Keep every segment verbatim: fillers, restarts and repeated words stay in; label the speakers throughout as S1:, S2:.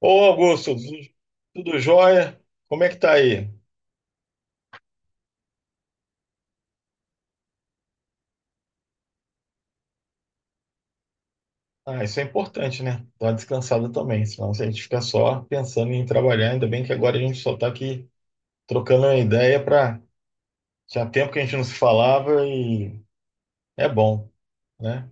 S1: Ô Augusto, tudo jóia? Como é que tá aí? Ah, isso é importante, né? Dar uma descansada também, senão se a gente fica só pensando em trabalhar, ainda bem que agora a gente só tá aqui trocando uma ideia para tinha tempo que a gente não se falava e é bom, né?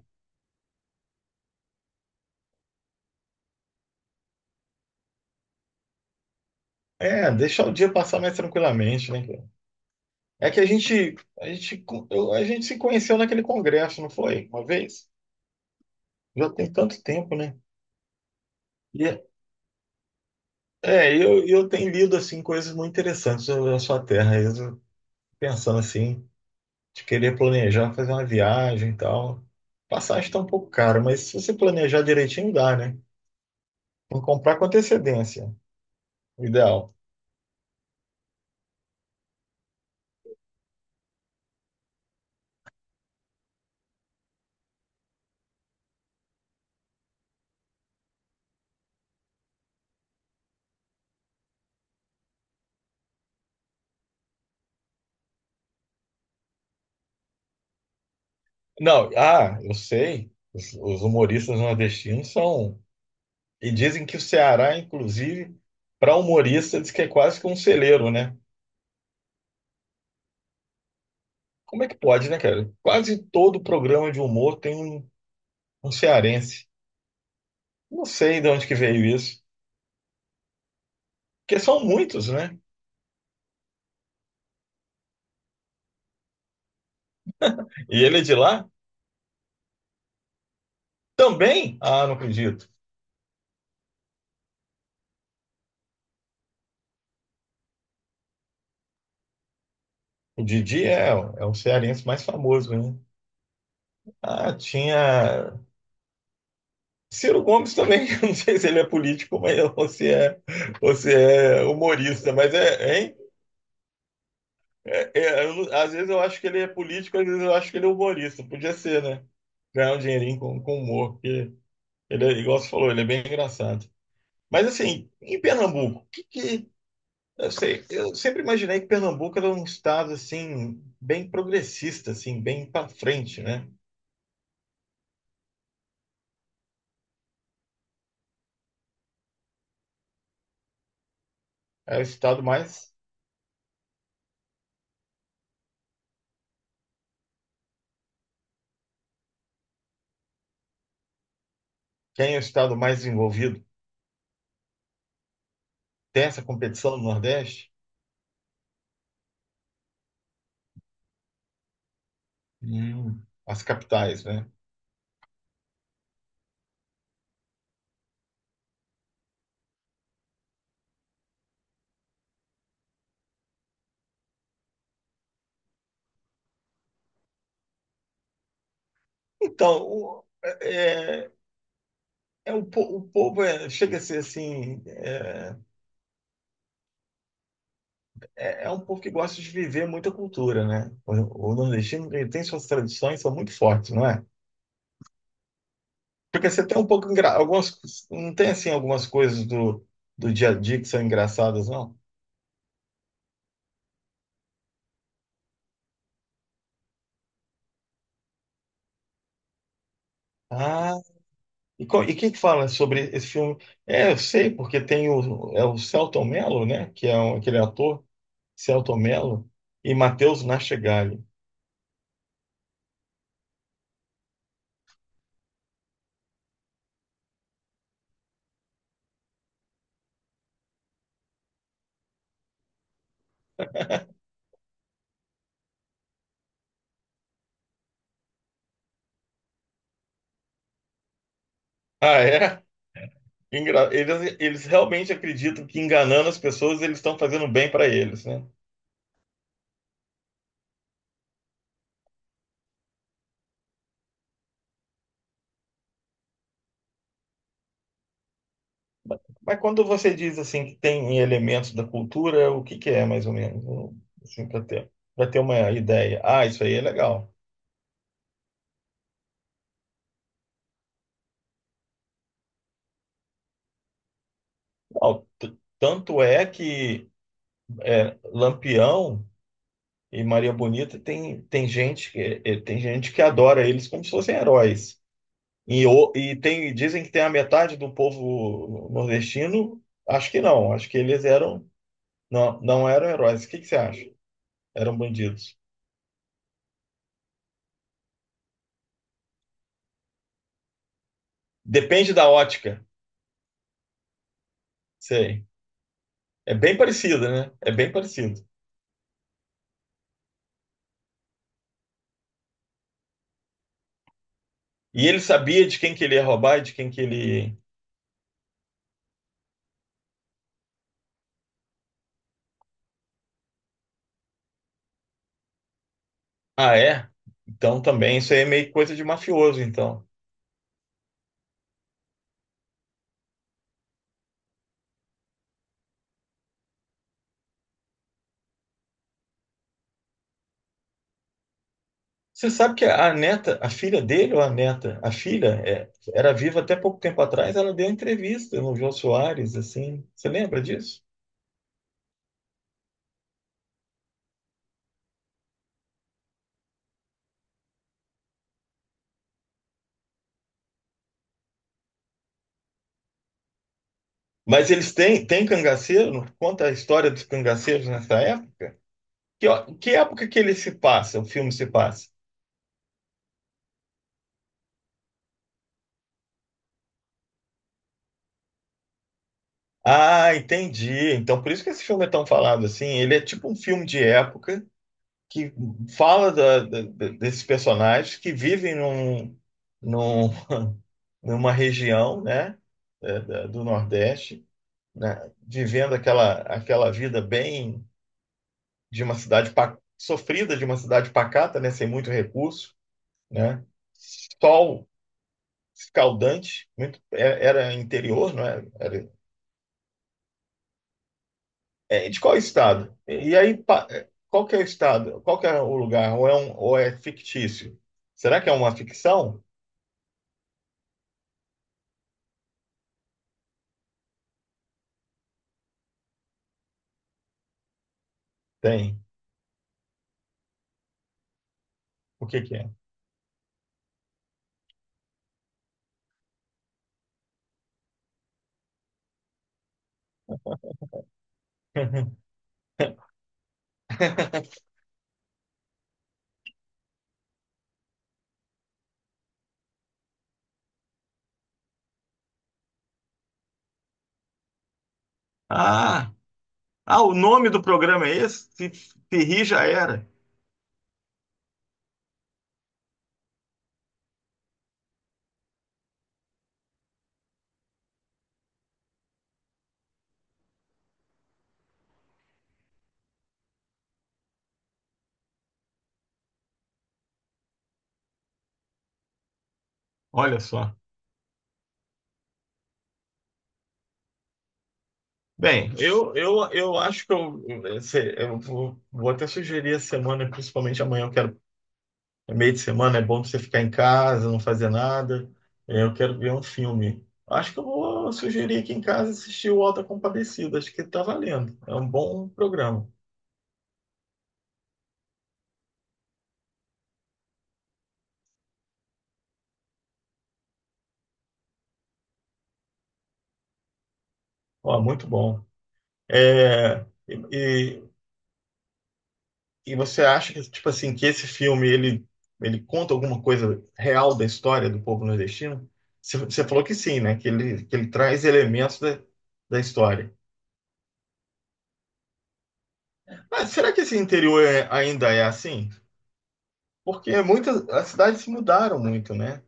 S1: É, deixar o dia passar mais tranquilamente, né, cara? É que a gente a gente co- eu- a gente se conheceu naquele congresso, não foi? Uma vez? Já tem tanto tempo, né? E é, eu eu tenho lido assim coisas muito interessantes sobre a sua terra, eu pensando assim de querer planejar, fazer uma viagem e tal. Passagem está um pouco cara, mas se você planejar direitinho, dá, né? Tem que comprar com antecedência, o ideal. Não, ah, eu sei, os, os humoristas nordestinos são. E dizem que o Ceará, inclusive, para humorista, diz que é quase que um celeiro, né? Como é que pode, né, cara? Quase todo programa de humor tem um, um cearense. Não sei de onde que veio isso, porque são muitos, né? E ele é de lá também? Ah, não acredito. O Didi é, é o cearense mais famoso, né? Ah, tinha. Ciro Gomes também, eu não sei se ele é político, mas você é, você é humorista, mas é, hein? É, é, eu não- às vezes eu acho que ele é político, às vezes eu acho que ele é humorista. Podia ser, né? Ganhar um dinheirinho com, com humor, porque ele é, igual você falou, ele é bem engraçado. Mas assim, em Pernambuco, o que que. Eu sei, eu sempre imaginei que Pernambuco era um estado assim, bem progressista, assim, bem para frente, né? É o estado mais Quem é o estado mais envolvido? Tem essa competição no Nordeste? Hum, as capitais, né? Então, o, é, é um, po- o povo é- chega a ser assim, é, é, é um povo que gosta de viver muita cultura, né? O, o nordestino ele tem suas tradições, são muito fortes, não é? Porque você tem um pouco, engra- algumas, não tem assim algumas coisas do, do dia a dia que são engraçadas, não? Ah, e, qual, e quem que fala sobre esse filme? É, eu sei, porque tem o, é o Selton Mello, né? Que é um- aquele ator Celto Mello e Matheus Nachegali. Ah, é? Engra- Eles, eles realmente acreditam que enganando as pessoas eles estão fazendo bem para eles, né? Mas quando você diz assim que tem elementos da cultura, o que que é mais ou menos? Assim, para ter, para ter uma ideia. Ah, isso aí é legal. Não, t- tanto é que é, Lampião e Maria Bonita tem, tem gente que, é, tem gente que adora eles como se fossem heróis. E, o- e tem, dizem que tem a metade do povo nordestino. Acho que não. Acho que eles eram. Não, não eram heróis. O que que você acha? Eram bandidos. Depende da ótica. Sei. É bem parecido, né? É bem parecido. E ele sabia de quem que ele ia roubar e de quem que ele. Ah, é? Então também isso aí é meio coisa de mafioso, então. Você sabe que a neta, a filha dele ou a neta, a filha é, era viva até pouco tempo atrás, ela deu entrevista no Jô Soares, assim. Você lembra disso? Mas eles têm, têm cangaceiro? Conta a história dos cangaceiros nessa época? Que, ó, que época que ele se passa, o filme se passa? Ah, entendi. Então, por isso que esse filme é tão falado assim. Ele é tipo um filme de época que fala da- da- da- desses personagens que vivem num, num- numa região, né, é, da- do Nordeste, né, vivendo aquela, aquela vida bem de uma cidade pa- sofrida, de uma cidade pacata, né, sem muito recurso, né, sol escaldante, muito, é- era interior, não é? Era, é, de qual estado? E, e aí, pa- é, qual que é o estado? Qual que é o lugar? Ou é, um, ou é fictício? Será que é uma ficção? Tem. O que que é? Ah, ah, o nome do programa é esse? Se, se rir, já era. Olha só. Bem, eu, eu, eu acho que eu, esse- eu vou vou até sugerir a semana, principalmente amanhã, eu quero. No meio de semana é bom pra você ficar em casa, não fazer nada. É, eu quero ver um filme. Acho que eu vou sugerir aqui em casa assistir o Alta Compadecida. Acho que tá valendo. É um bom programa. Ó, muito bom. É, e, e e você acha que, tipo assim, que esse filme, ele, ele conta alguma coisa real da história do povo nordestino? Você você falou que sim, né? Que ele, que ele traz elementos da, da história. Mas será que esse interior é- ainda é assim? Porque muitas, as cidades se mudaram muito, né?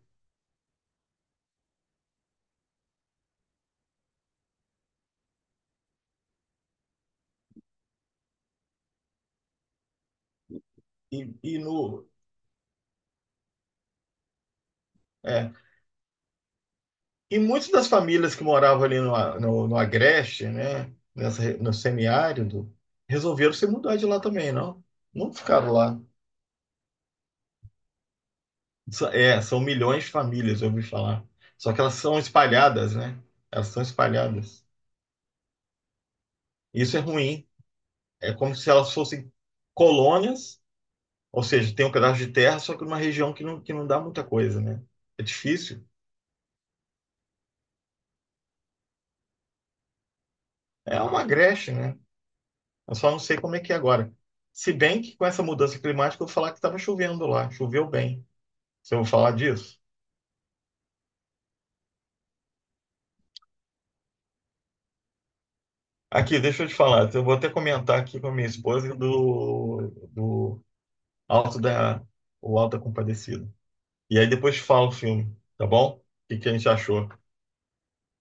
S1: e, e no. É. E muitas das famílias que moravam ali no, A- no, no Agreste, né? Nessa, re- no semiárido, resolveram se mudar de lá também, não? Não ficaram lá. Sa- É, são milhões de famílias, eu ouvi falar. Só que elas são espalhadas, né? Elas são espalhadas. Isso é ruim. É como se elas fossem colônias, ou seja, tem um pedaço de terra, só que numa região que não, que não dá muita coisa, né? É difícil. É uma Agreste, né? Eu só não sei como é que é agora. Se bem que com essa mudança climática eu vou falar que estava chovendo lá, choveu bem. Se eu vou falar disso. Aqui, deixa eu te falar, eu vou até comentar aqui com a minha esposa do, do Alto da, o Alto da Compadecida. E aí depois te falo o filme, tá bom? O que que a gente achou,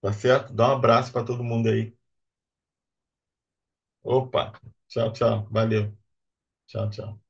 S1: tá certo? Dá um abraço para todo mundo aí. Opa, tchau, tchau, valeu, tchau, tchau.